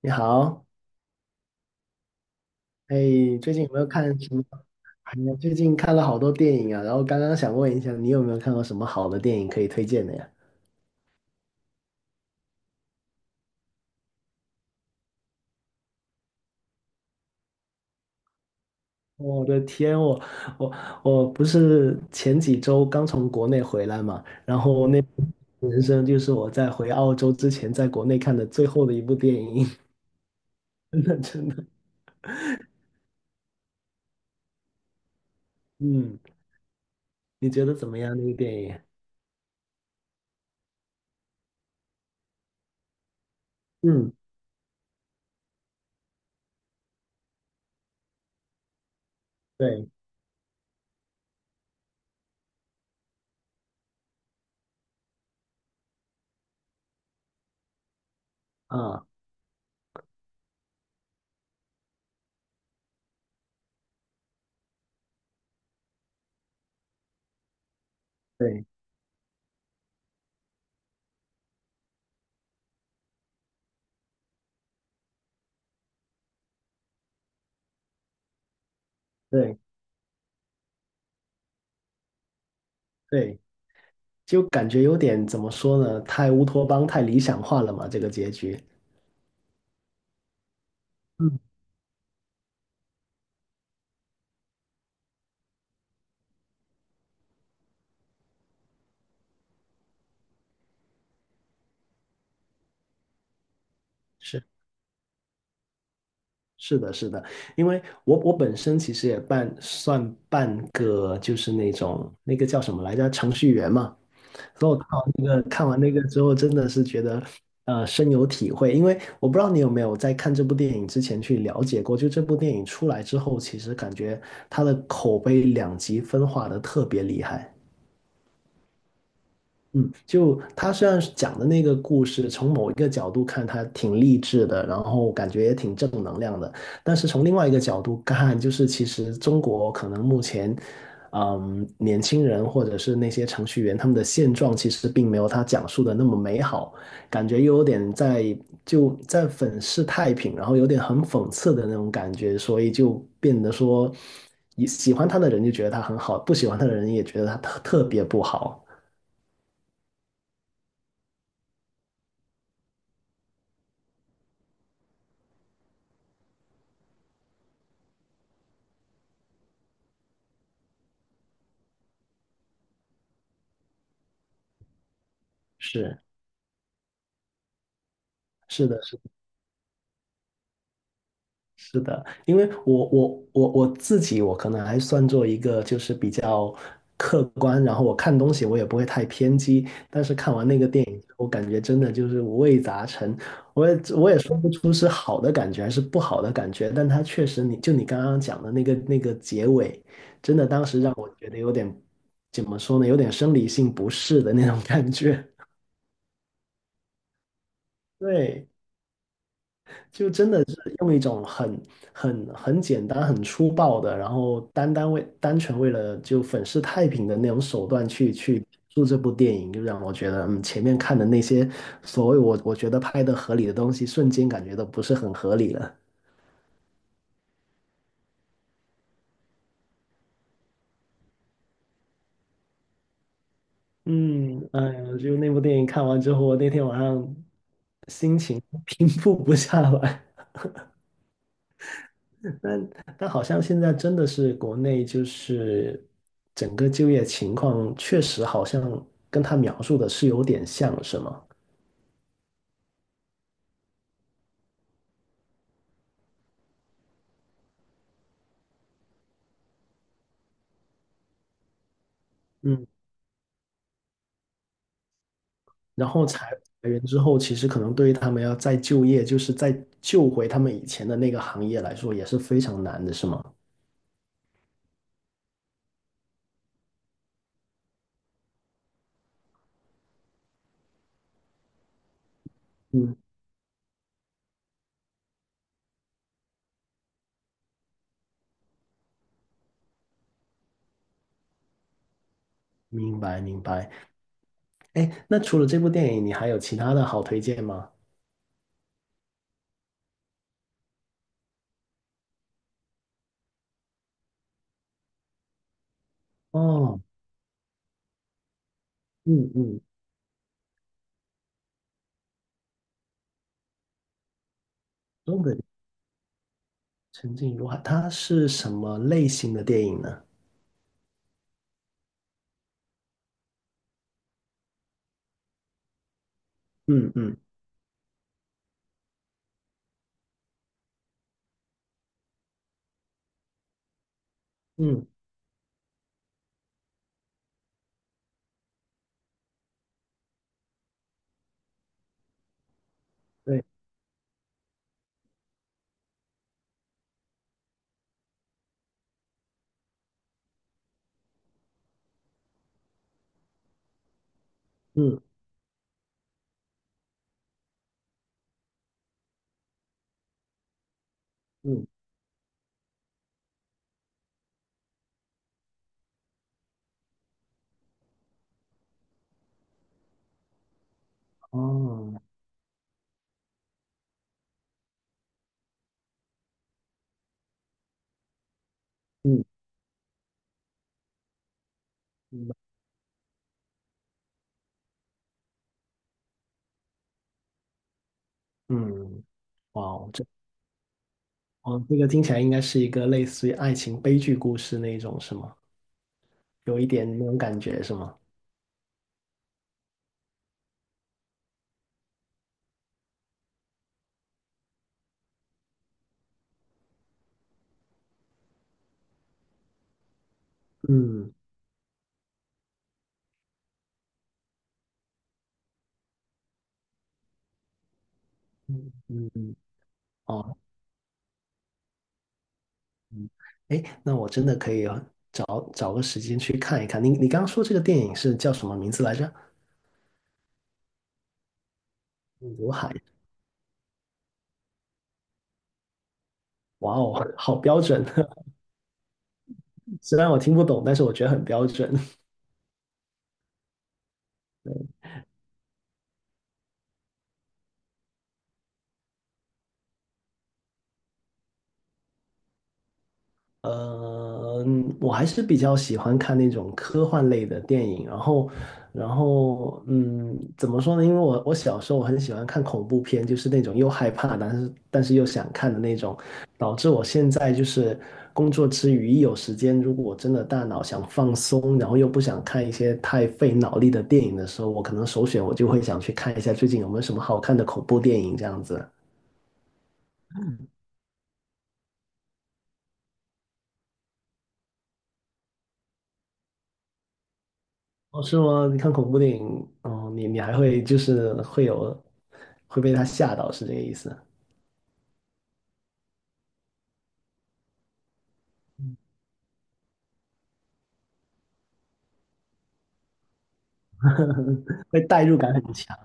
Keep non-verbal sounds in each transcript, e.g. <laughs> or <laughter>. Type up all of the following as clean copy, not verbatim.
你好，哎，最近有没有看什么？哎呀，最近看了好多电影啊，然后刚刚想问一下，你有没有看过什么好的电影可以推荐的呀？我的天，我我不是前几周刚从国内回来嘛，人生就是我在回澳洲之前在国内看的最后的一部电影，<laughs> 真的真的，嗯，你觉得怎么样那个电影？嗯，对，啊，对对对，就感觉有点怎么说呢，太乌托邦、太理想化了嘛，这个结局。是是的，是的，因为我本身其实也半算半个，就是那种那个叫什么来着，程序员嘛。所以我看完那个看完那个之后，真的是觉得深有体会。因为我不知道你有没有在看这部电影之前去了解过，就这部电影出来之后，其实感觉它的口碑两极分化的特别厉害。嗯，就他虽然是讲的那个故事，从某一个角度看，他挺励志的，然后感觉也挺正能量的。但是从另外一个角度看，就是其实中国可能目前，嗯，年轻人或者是那些程序员，他们的现状其实并没有他讲述的那么美好，感觉又有点在粉饰太平，然后有点很讽刺的那种感觉，所以就变得说，喜欢他的人就觉得他很好，不喜欢他的人也觉得他特别不好，是。是的，是是的，因为我我自己，我可能还算做一个就是比较客观，然后我看东西我也不会太偏激，但是看完那个电影，我感觉真的就是五味杂陈，我也说不出是好的感觉还是不好的感觉，但它确实你刚刚讲的那个结尾，真的当时让我觉得有点怎么说呢，有点生理性不适的那种感觉，<laughs> 对。就真的是用一种很简单、很粗暴的，然后单纯为了就粉饰太平的那种手段去做这部电影，就让我觉得，嗯，前面看的那些所谓我觉得拍的合理的东西，瞬间感觉都不是很合理了。嗯，哎呀，就那部电影看完之后，我那天晚上心情 <laughs> 平复不下来。但但好像现在真的是国内就是整个就业情况确实好像跟他描述的是有点像，是吗？嗯，然后裁员之后，其实可能对于他们要再就业，就是再救回他们以前的那个行业来说，也是非常难的，是吗？嗯，明白明白。哎，那除了这部电影，你还有其他的好推荐吗？哦，嗯嗯，东北沉静如海，它是什么类型的电影呢？嗯嗯嗯，对，嗯。嗯，哦，嗯嗯嗯，哇哦，哦，这个听起来应该是一个类似于爱情悲剧故事那一种，是吗？有一点那种感觉，是吗？嗯嗯嗯哦，嗯，哎，那我真的可以找个时间去看一看。你刚刚说这个电影是叫什么名字来着？刘海。哇哦，好标准！<laughs> 虽然我听不懂，但是我觉得很标准。我还是比较喜欢看那种科幻类的电影，然后，然后，嗯，怎么说呢？因为我小时候很喜欢看恐怖片，就是那种又害怕，但是又想看的那种，导致我现在就是工作之余一有时间，如果我真的大脑想放松，然后又不想看一些太费脑力的电影的时候，我可能首选我就会想去看一下最近有没有什么好看的恐怖电影这样子。哦，是吗？你看恐怖电影，哦，你还会就是会有被他吓到，是这个意思？会代入感很强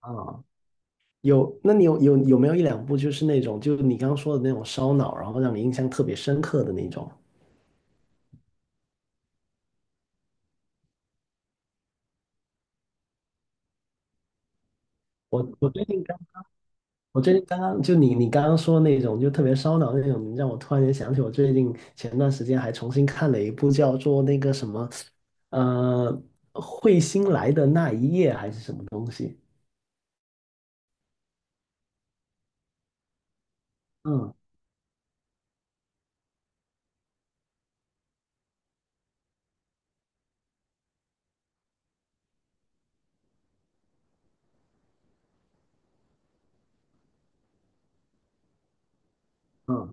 啊。有，那你有没有一两部就是那种，就是你刚刚说的那种烧脑，然后让你印象特别深刻的那种？我我最近刚我最近刚刚就你刚刚说那种就特别烧脑那种，让我突然间想起我最近前段时间还重新看了一部叫做那个什么，呃，彗星来的那一夜还是什么东西？嗯嗯。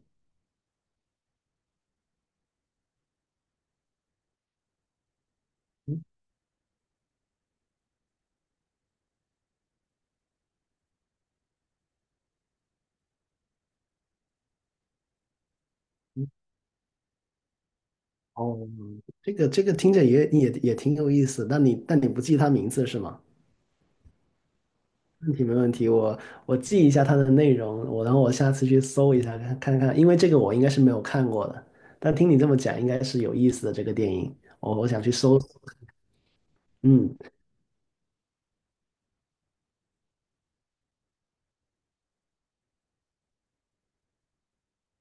哦，这个听着也挺有意思，但你不记他名字是吗？没问题，我记一下它的内容，我然后我下次去搜一下看，因为这个我应该是没有看过的，但听你这么讲，应该是有意思的这个电影，我想去搜。嗯，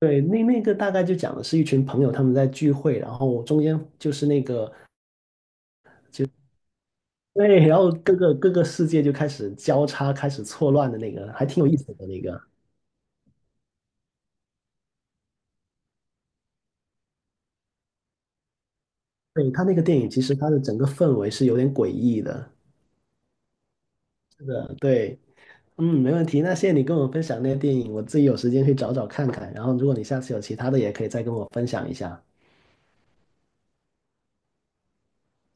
对，那那个大概就讲的是一群朋友他们在聚会，然后中间就是那个对，然后各个世界就开始交叉，开始错乱的那个，还挺有意思的那个。对，他那个电影，其实它的整个氛围是有点诡异的，的，对，嗯，没问题。那谢谢你跟我分享那些电影，我自己有时间去找找看看。然后，如果你下次有其他的，也可以再跟我分享一下。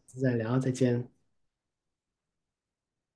再聊，再见。